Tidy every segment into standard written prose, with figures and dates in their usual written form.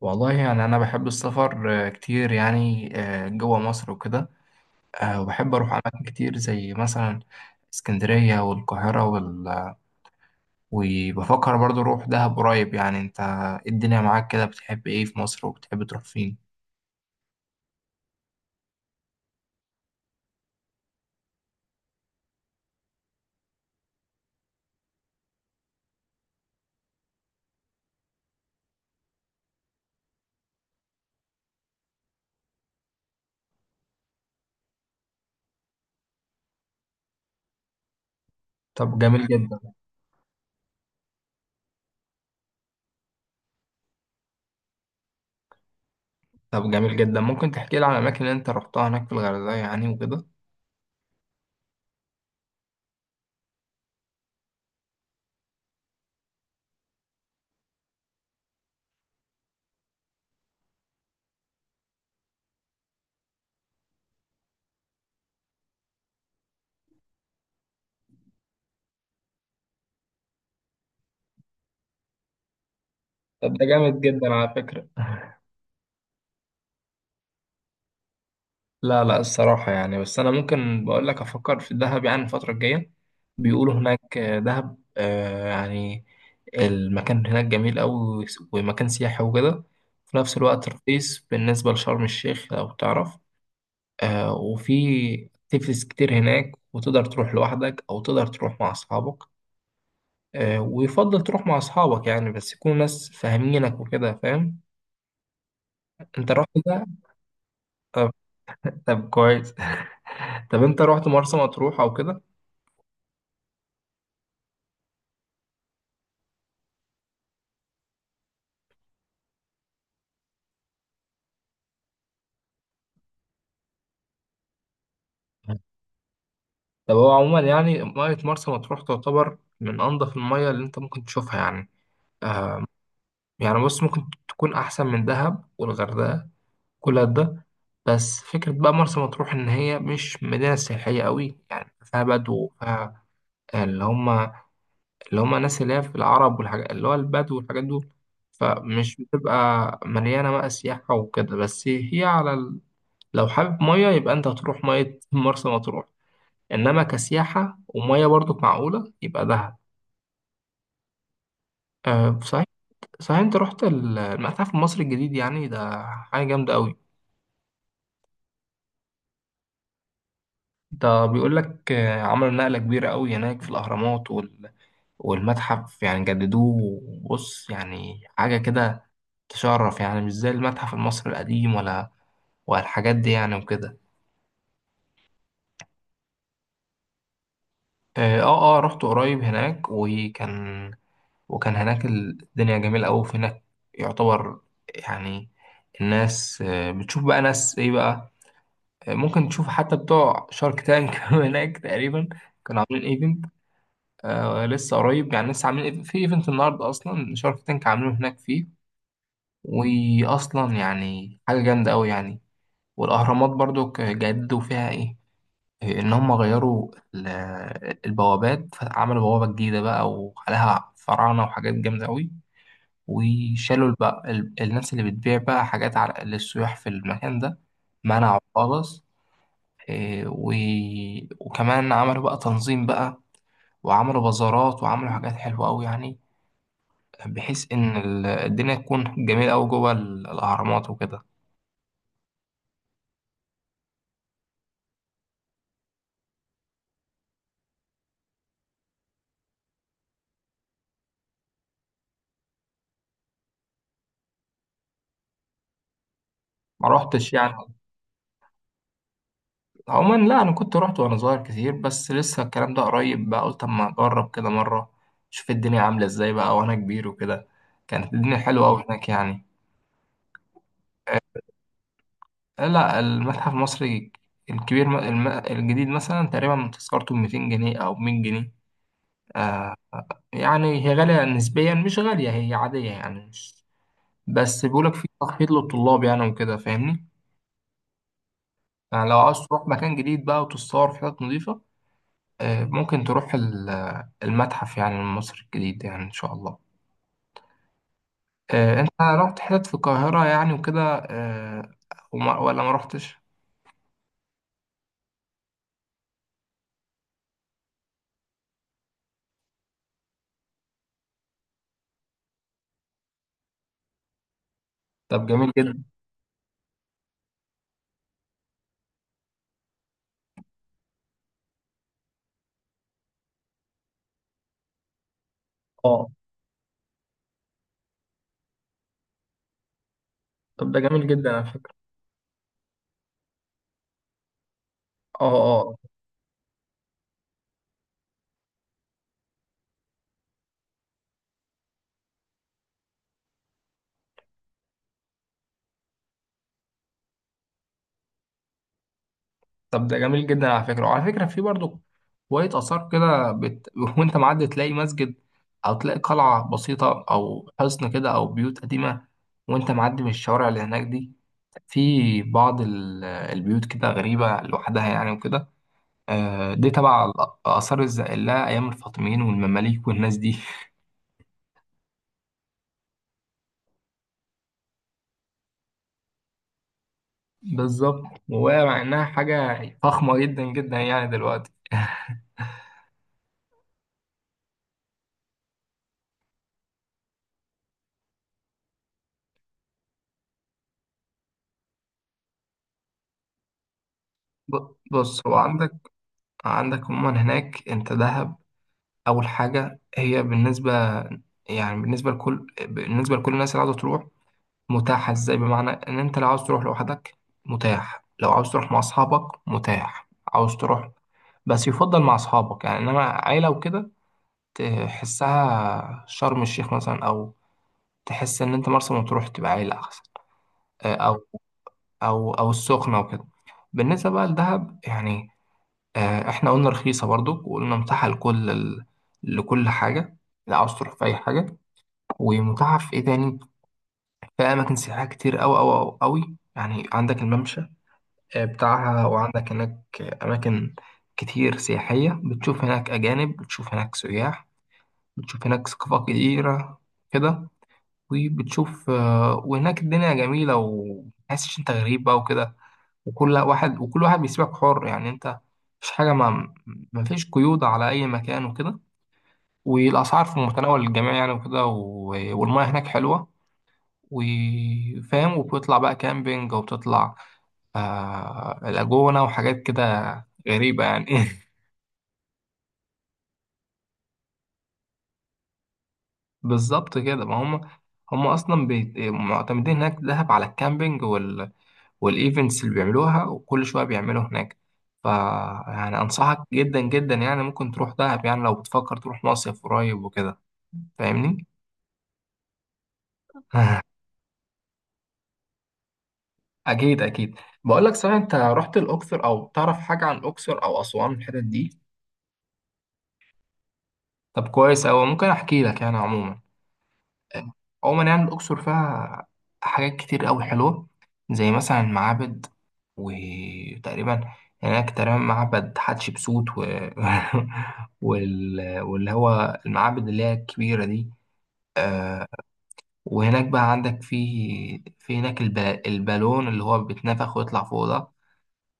والله يعني أنا بحب السفر، كتير يعني، جوا مصر وكده. وبحب أروح أماكن كتير زي مثلا اسكندرية والقاهرة وبفكر برضو أروح دهب قريب، يعني أنت إيه الدنيا معاك كده؟ بتحب إيه في مصر وبتحب تروح فين؟ طب، جميل جدا. طب جميل جدا، ممكن تحكي لي عن الأماكن اللي أنت روحتها هناك في الغردقة يعني وكده؟ طب ده جامد جدا على فكرة. لا لا الصراحة، يعني بس أنا ممكن بقول لك أفكر في الدهب يعني الفترة الجاية. بيقولوا هناك دهب، يعني المكان هناك جميل أوي، ومكان سياحي وكده. في نفس الوقت رخيص بالنسبة لشرم الشيخ لو تعرف. وفي اكتيفيتيز كتير هناك، وتقدر تروح لوحدك أو تقدر تروح مع أصحابك. ويفضل تروح مع أصحابك، يعني بس يكونوا ناس فاهمينك وكده، فاهم؟ أنت رحت ده؟ طب. طب كويس. طب أنت رحت مرسى مطروح أو كده؟ طب هو عموما يعني مية مرسى مطروح تعتبر من أنظف المية اللي أنت ممكن تشوفها يعني. آه، يعني بص، ممكن تكون أحسن من دهب والغردقة كل ده. بس فكرة بقى مرسى مطروح إن هي مش مدينة سياحية قوي، يعني فيها بدو، فيها اللي هما اللي هما الناس اللي هي في العرب والحاجات، اللي هو البدو والحاجات دول. فمش بتبقى مليانة بقى سياحة وكده، بس هي على لو حابب مية يبقى أنت هتروح مية مرسى مطروح. إنما كسياحة، ومية برضو معقولة، يبقى دهب. أه صحيح. صحيح انت رحت المتحف المصري الجديد؟ يعني ده حاجة جامدة قوي. ده بيقول لك، عملوا نقلة كبيرة قوي هناك في الأهرامات والمتحف، يعني جددوه. بص يعني حاجة كده تشرف، يعني مش زي المتحف المصري القديم ولا والحاجات دي، يعني وكده. اه اه، رحت قريب هناك، وكان هناك الدنيا جميلة أوي في هناك. يعتبر، يعني الناس بتشوف بقى ناس إيه بقى. ممكن تشوف حتى بتوع شارك تانك هناك تقريبا. كانوا عاملين ايفنت. لسه قريب، يعني لسه عاملين في ايفنت النهارده اصلا، شارك تانك عاملينه هناك فيه. واصلا يعني حاجه جامده قوي يعني. والاهرامات برضو جددوا فيها ايه، إيه، ان هم غيروا البوابات، عملوا بوابه جديده بقى وعليها فراعنه وحاجات جامده قوي. وشالوا البقى الناس اللي بتبيع بقى حاجات على للسياح في المكان ده، منعوا خالص. إيه، وكمان عملوا بقى تنظيم بقى، وعملوا بازارات، وعملوا حاجات حلوة أوي، يعني بحيث إن الدنيا تكون جميلة أوي جوه الأهرامات وكده. ما روحتش يعني. عموما لا، أنا كنت روحت وأنا صغير كتير، بس لسه الكلام ده قريب بقى، قلت أما أجرب كده مرة، شوف الدنيا عاملة إزاي بقى وأنا كبير وكده. كانت الدنيا حلوة أوي هناك يعني. لا، المتحف المصري الكبير الجديد مثلا، تقريبا تذكرته ب 200 جنيه أو 100 جنيه. آه، يعني هي غالية نسبيا، مش غالية، هي عادية يعني، مش بس بيقولك في تخفيض للطلاب يعني وكده، فاهمني؟ يعني لو عاوز تروح مكان جديد بقى وتتصور في حتت نظيفة، ممكن تروح المتحف يعني المصري الجديد، يعني إن شاء الله. أنت رحت حتت في القاهرة يعني وكده، آه، ولا ما رحتش؟ طب جميل جدا. اه، طب ده جميل جدا على فكرة. اه، طب ده جميل جدا على فكرة، وعلى فكرة في برضو شوية آثار كده وأنت معدي تلاقي مسجد، أو تلاقي قلعة بسيطة، أو حصن كده، أو بيوت قديمة وأنت معدي من الشوارع اللي هناك دي. في بعض البيوت كده غريبة لوحدها يعني وكده. دي تبع آثار الزائلة أيام الفاطميين والمماليك والناس دي. بالظبط، وهي مع إنها حاجة فخمة جدا جدا يعني دلوقتي. بص، هو عندك عموما هناك انت دهب، اول حاجه هي بالنسبه، يعني بالنسبه لكل الناس اللي عاوزه تروح، متاحه ازاي؟ بمعنى ان انت لو عاوز تروح لوحدك متاح، لو عاوز تروح مع اصحابك متاح، عاوز تروح بس يفضل مع اصحابك يعني. انما عيله وكده تحسها شرم الشيخ مثلا، او تحس ان انت مرسى مطروح تبقى عيله احسن، آه، او او او السخنه وكده. بالنسبه بقى لدهب يعني، احنا قلنا رخيصه برضو، وقلنا متاحه لكل لكل حاجه، لا عاوز تروح في اي حاجه، ومتاحف في ايه تاني، في اماكن سياحيه كتير أوي أوي أوي أوي يعني، عندك الممشى بتاعها، وعندك هناك اماكن كتير سياحيه، بتشوف هناك اجانب، بتشوف هناك سياح، بتشوف هناك ثقافات كتيره كده، وبتشوف، وهناك الدنيا جميله، ومتحسش انت غريب بقى وكده. وكل واحد بيسيبك حر يعني، انت مفيش حاجه، ما مفيش قيود على اي مكان وكده، والاسعار في متناول الجميع يعني وكده، والمياه هناك حلوه وفاهم، وبتطلع بقى كامبينج، وبتطلع لاجونة وحاجات كده غريبة يعني. بالظبط كده، ما هم، هم أصلا معتمدين هناك دهب على الكامبينج والإيفنتس اللي بيعملوها، وكل شوية بيعملوا هناك. ف يعني أنصحك جدا جدا، يعني ممكن تروح دهب يعني لو بتفكر تروح مصيف قريب وكده، فاهمني؟ أكيد أكيد. بقول لك، صحيح أنت رحت الأقصر أو تعرف حاجة عن الأقصر أو أسوان، الحتت دي؟ طب كويس أوي، ممكن أحكي لك يعني. عموما يعني الأقصر فيها حاجات كتير أوي حلوة، زي مثلا المعابد. وتقريبا هناك تقريبا معبد حتشبسوت واللي هو المعابد اللي هي الكبيرة دي. آه، وهناك بقى عندك في هناك البالون اللي هو بيتنفخ ويطلع فوق ده،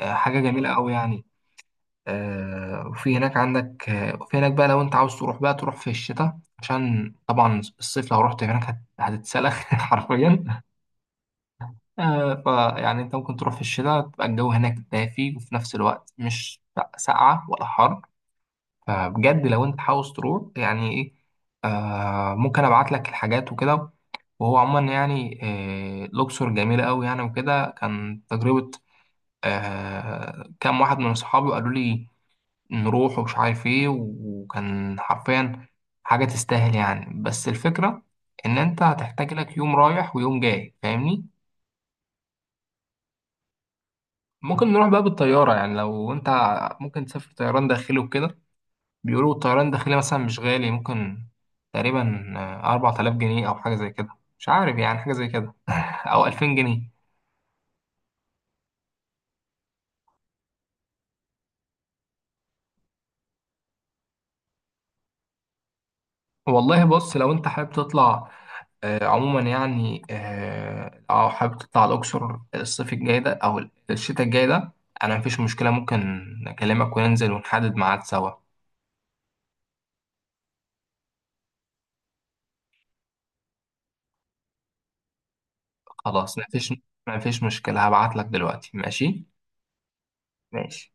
حاجة جميلة أوي يعني. وفي هناك عندك، وفي هناك بقى، لو انت عاوز تروح بقى تروح في الشتاء، عشان طبعا الصيف لو رحت هناك هتتسلخ حرفيا. فيعني انت ممكن تروح في الشتاء تبقى الجو هناك دافي، وفي نفس الوقت مش ساقعة ولا حر. فبجد لو انت عاوز تروح يعني ايه، ممكن ابعت لك الحاجات وكده. وهو عموما يعني، لوكسور جميلة قوي يعني، وكده كان تجربة. كام واحد من اصحابي قالوا لي نروح ومش عارف ايه، وكان حرفيا حاجة تستاهل يعني. بس الفكرة ان انت هتحتاج لك يوم رايح ويوم جاي، فاهمني؟ ممكن نروح بقى بالطيارة يعني، لو انت ممكن تسافر طيران داخلي وكده. بيقولوا الطيران الداخلي مثلا مش غالي، ممكن تقريبا 4000 جنيه أو حاجة زي كده، مش عارف يعني، حاجة زي كده. أو 2000 جنيه. والله بص، لو أنت حابب تطلع، عموما يعني، لو حابب تطلع الأقصر الصيف الجاي ده أو الشتاء الجاي ده، أنا مفيش مشكلة، ممكن أكلمك وننزل ونحدد ميعاد سوا. خلاص، مفيش، مفيش مشكلة، هبعتلك دلوقتي، ماشي؟ ماشي.